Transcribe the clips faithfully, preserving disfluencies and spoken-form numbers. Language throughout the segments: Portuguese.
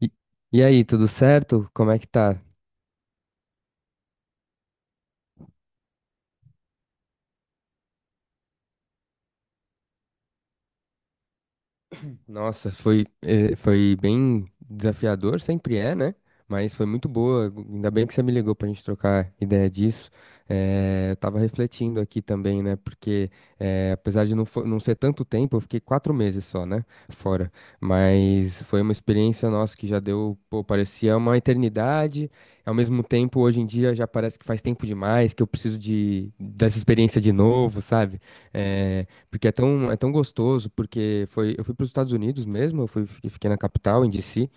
E e aí, tudo certo? Como é que tá? Nossa, foi, eh, foi bem desafiador, sempre é, né? Mas foi muito boa. Ainda bem que você me ligou pra gente trocar ideia disso. Eh, eu tava refletindo aqui também, né? Porque eh, apesar de não, fo- não ser tanto tempo, eu fiquei quatro meses só, né? Fora. Mas foi uma experiência nossa que já deu, pô, parecia uma eternidade. Ao mesmo tempo, hoje em dia já parece que faz tempo demais, que eu preciso de, dessa experiência de novo, sabe? É, porque é tão, é tão gostoso, porque foi, eu fui para os Estados Unidos mesmo, eu fui, eu fiquei na capital, em D C,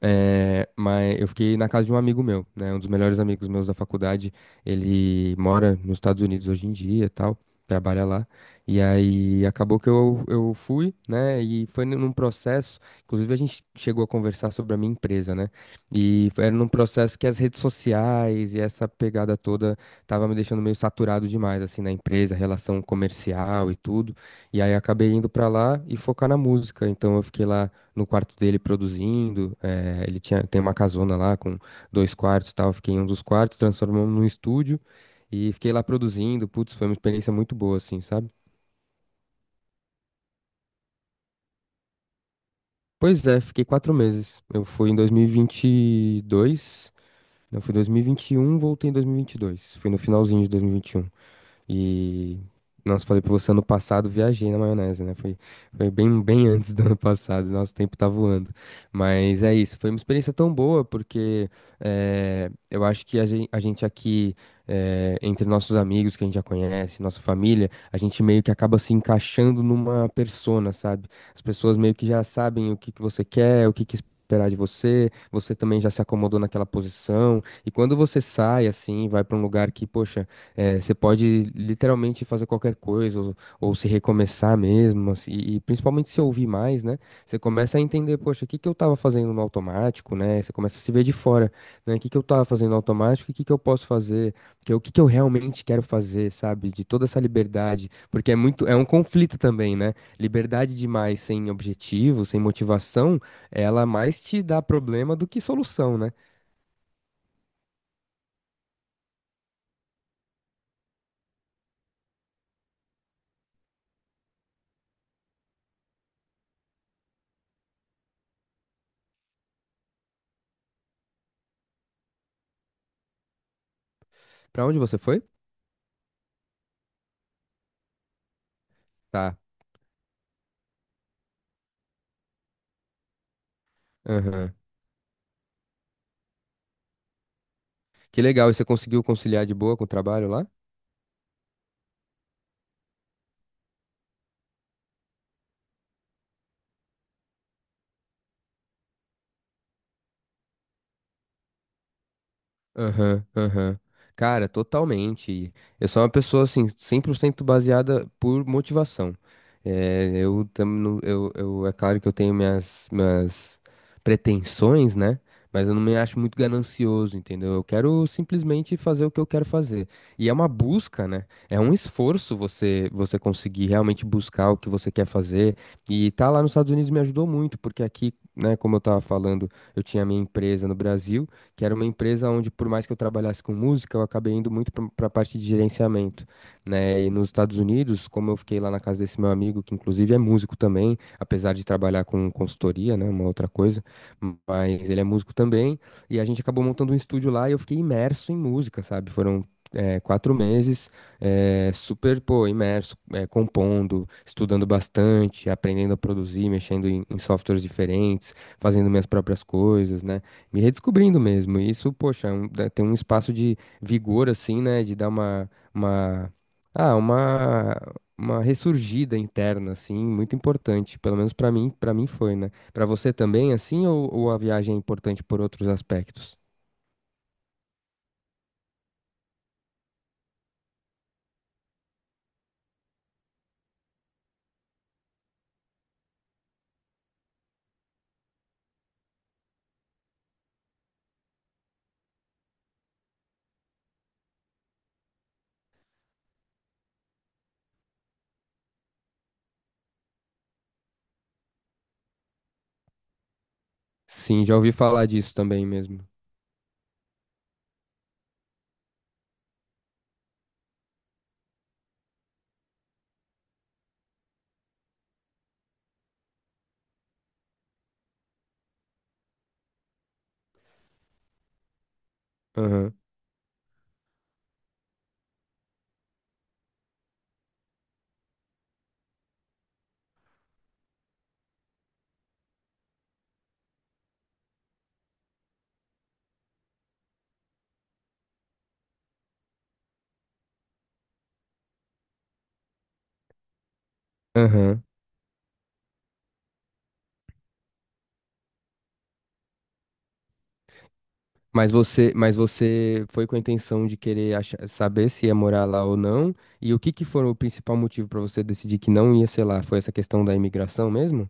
é, mas eu fiquei na casa de um amigo meu, né? Um dos melhores amigos meus da faculdade. Ele mora nos Estados Unidos hoje em dia, e tal, trabalha lá. E aí acabou que eu, eu fui, né? E foi num processo. Inclusive, a gente chegou a conversar sobre a minha empresa, né? E foi- era num processo que as redes sociais e essa pegada toda tava me deixando meio saturado demais, assim, na empresa, relação comercial e tudo. E aí acabei indo pra lá e focar na música. Então eu fiquei lá no quarto dele produzindo. É, ele tinha, tem uma casona lá com dois quartos e tal. Eu fiquei em um dos quartos, transformamos num estúdio e fiquei lá produzindo. Putz, foi uma experiência muito boa, assim, sabe? Pois é, fiquei quatro meses. Eu fui em dois mil e vinte e dois, não, fui em dois mil e vinte e um, voltei em dois mil e vinte e dois. Fui no finalzinho de dois mil e vinte e um. E, nossa, falei pra você, ano passado viajei na maionese, né? Foi, foi bem, bem antes do ano passado, nosso tempo tá voando. Mas é isso, foi uma experiência tão boa, porque eh, eu acho que a gen- a gente, aqui, eh, entre nossos amigos que a gente já conhece, nossa família, a gente meio que acaba se encaixando numa persona, sabe? As pessoas meio que já sabem o que que você quer, o que que esperar de você, você também já se acomodou naquela posição, e quando você sai assim, vai pra um lugar que, poxa, é, você pode literalmente fazer qualquer coisa, ou, ou se recomeçar mesmo, assim, e, e principalmente se ouvir mais, né? Você começa a entender, poxa, o que que eu tava fazendo no automático, né? Você começa a se ver de fora, né? O que que eu tava fazendo no automático e o que que eu posso fazer? Que, eu- o que que eu realmente quero fazer, sabe? De toda essa liberdade, porque é muito, é um conflito também, né? Liberdade demais sem objetivo, sem motivação, ela mais te dá problema do que solução, né? Pra onde você foi? Tá. Que legal, e você conseguiu conciliar de boa com o trabalho lá? Aham, aham. Cara, totalmente. Eu sou uma pessoa, assim, cem por cento baseada por motivação. É, eu, tam- não- eu, eu, é claro que eu tenho minhas, minhas pretensões, né? Mas eu não me acho muito ganancioso, entendeu? Eu quero simplesmente fazer o que eu quero fazer. E é uma busca, né? É um esforço você, você conseguir realmente buscar o que você quer fazer. E tá lá nos Estados Unidos me ajudou muito, porque aqui, né, como eu tava falando, eu tinha minha empresa no Brasil que era uma empresa onde, por mais que eu trabalhasse com música, eu acabei indo muito para a parte de gerenciamento, né? E nos Estados Unidos, como eu fiquei lá na casa desse meu amigo, que inclusive é músico também, apesar de trabalhar com consultoria, né? Uma outra coisa, mas ele é músico também, e a gente acabou montando um estúdio lá e eu fiquei imerso em música, sabe? Foram é, quatro meses, é, super, pô, imerso, é, compondo, estudando bastante, aprendendo a produzir, mexendo em, em softwares diferentes, fazendo minhas próprias coisas, né? Me redescobrindo mesmo. E isso, poxa, é um- dá- tem um espaço de vigor, assim, né? De dar uma, uma, ah, uma, uma ressurgida interna, assim, muito importante. Pelo menos pra mim, para mim foi, né? Pra você também, assim, ou, ou a viagem é importante por outros aspectos? Sim, já ouvi falar disso também mesmo. Aham, aham. Mas você, mas você foi com a intenção de querer achar- saber se ia morar lá ou não? E o que que foi o principal motivo pra você decidir que não ia, sei lá, foi essa questão da imigração mesmo?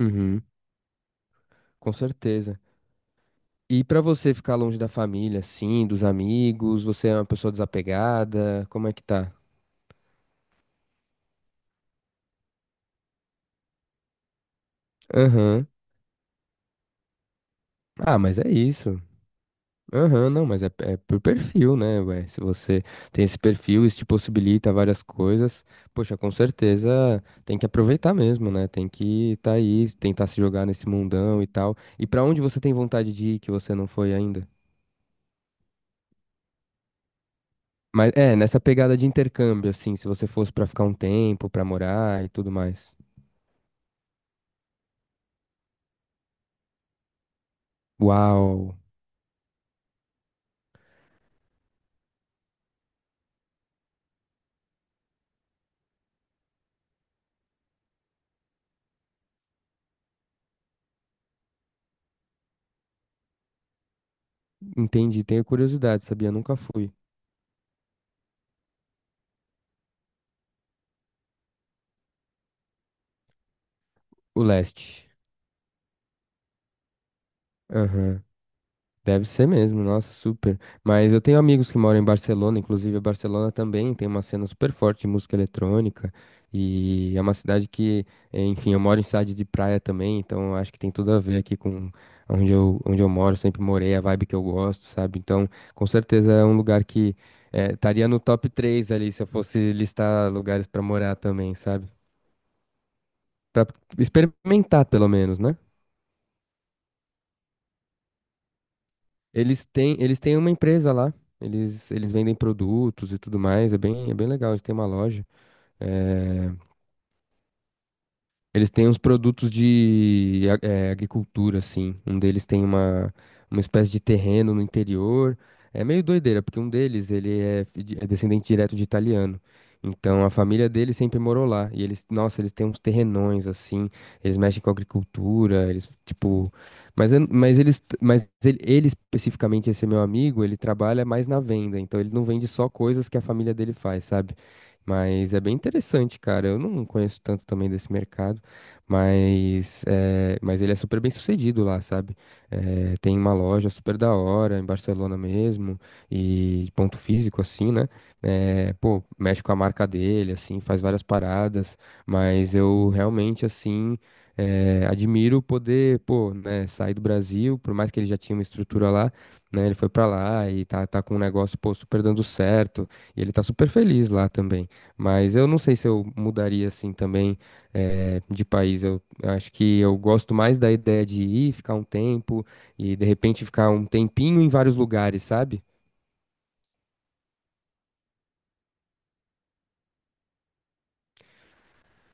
Uhum, com certeza. E pra você ficar longe da família, assim, dos amigos, você é uma pessoa desapegada, como é que tá? Aham. Ah, mas é isso. Aham, não, mas é, é por perfil, né, ué? Se você tem esse perfil, isso te possibilita várias coisas, poxa, com certeza tem que aproveitar mesmo, né? Tem que tá aí, tentar se jogar nesse mundão e tal. E pra onde você tem vontade de ir que você não foi ainda? Mas é, nessa pegada de intercâmbio, assim, se você fosse pra ficar um tempo, pra morar e tudo mais. Uau. Entendi, tenho curiosidade, sabia? Nunca fui. O leste. Aham. Deve ser mesmo, nossa, super. Mas eu tenho amigos que moram em Barcelona, inclusive a Barcelona também tem uma cena super forte de música eletrônica. E é uma cidade que, eh, enfim, eu moro em cidade de praia também, então acho que tem tudo a ver aqui com onde eu, onde eu moro, sempre morei, a vibe que eu gosto, sabe? Então, com certeza é um lugar que eh, estaria no top três ali se eu fosse listar lugares pra morar também, sabe? Pra experimentar, pelo menos, né? Eles têm, eles têm uma empresa lá. Eles, eles vendem produtos e tudo mais. É bem, é bem legal. Eles têm uma loja. é, Eles têm uns produtos de a- eh, agricultura, assim. Um deles tem uma, uma espécie de terreno no interior. É meio doideira, porque um deles, ele é, fi- de- é descendente direto de italiano. Então, a família dele sempre morou lá. E eles, nossa, eles têm uns terrenões, assim. Eles mexem com agricultura, eles, tipo... Mas, eu- mas eles, t- mas ele, ele especificamente, esse meu amigo, ele trabalha mais na venda. Então, ele não vende só coisas que a família dele faz, sabe? Mas é bem interessante, cara. Eu não conheço tanto também desse mercado. Mas, eh, mas ele é super bem sucedido lá, sabe? Eh, tem uma loja super da hora em Barcelona mesmo, e ponto físico, assim, né? Eh, pô, mexe com a marca dele, assim, faz várias paradas, mas eu realmente, assim, eh, admiro poder, pô, né, sair do Brasil, por mais que ele já tinha uma estrutura lá, né? Ele foi pra lá e tá, tá com um negócio, pô, super dando certo, e ele tá super feliz lá também. Mas eu não sei se eu mudaria, assim, também eh, de país. Eu acho que eu gosto mais da ideia de ir, ficar um tempo e de repente ficar um tempinho em vários lugares, sabe?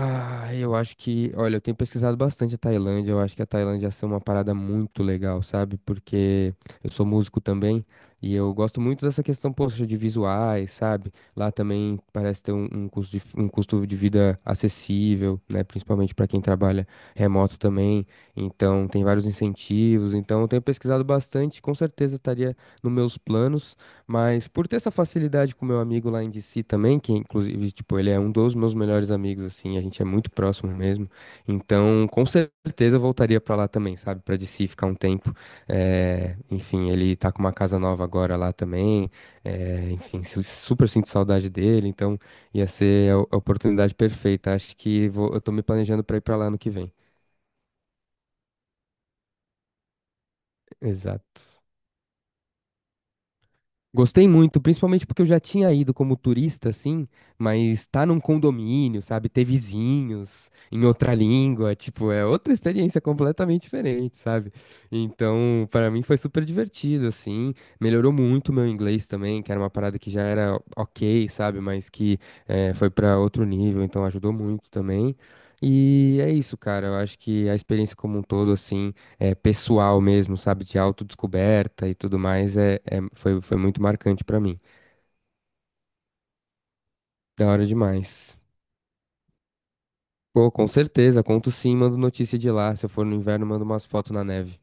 Ah, eu acho que, olha, eu tenho pesquisado bastante a Tailândia, eu acho que a Tailândia ia ser uma parada muito legal, sabe? Porque eu sou músico também e eu gosto muito dessa questão, poxa, de visuais, sabe? Lá também parece ter um, um custo de, um custo de vida acessível, né? Principalmente para quem trabalha remoto também. Então, tem vários incentivos. Então, eu tenho pesquisado bastante, com certeza estaria nos meus planos. Mas por ter essa facilidade com o meu amigo lá em D C também, que inclusive, tipo, ele é um dos meus melhores amigos, assim, a gente é muito próximo mesmo. Então, com certeza eu voltaria pra lá também, sabe? Pra D C ficar um tempo. É, enfim, ele tá com uma casa nova agora lá também. É, enfim, su- super sinto saudade dele, então ia ser a a oportunidade perfeita. Acho que vou- eu tô me planejando pra ir pra lá no que vem. Exato. Gostei muito, principalmente porque eu já tinha ido como turista, assim, mas tá num condomínio, sabe? Ter vizinhos em outra língua, tipo, é outra experiência completamente diferente, sabe? Então, pra mim foi super divertido, assim, melhorou muito o meu inglês também, que era uma parada que já era ok, sabe? Mas que eh, foi pra outro nível, então ajudou muito também. E é isso, cara, eu acho que a experiência como um todo, assim é, pessoal mesmo, sabe, de autodescoberta e tudo mais, é, é- foi, foi muito marcante pra mim. Da hora demais. Pô, com certeza, conto sim, mando notícia de lá. Se eu for no inverno, mando umas fotos na neve.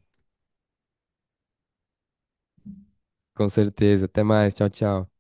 Com certeza. Até mais, tchau, tchau.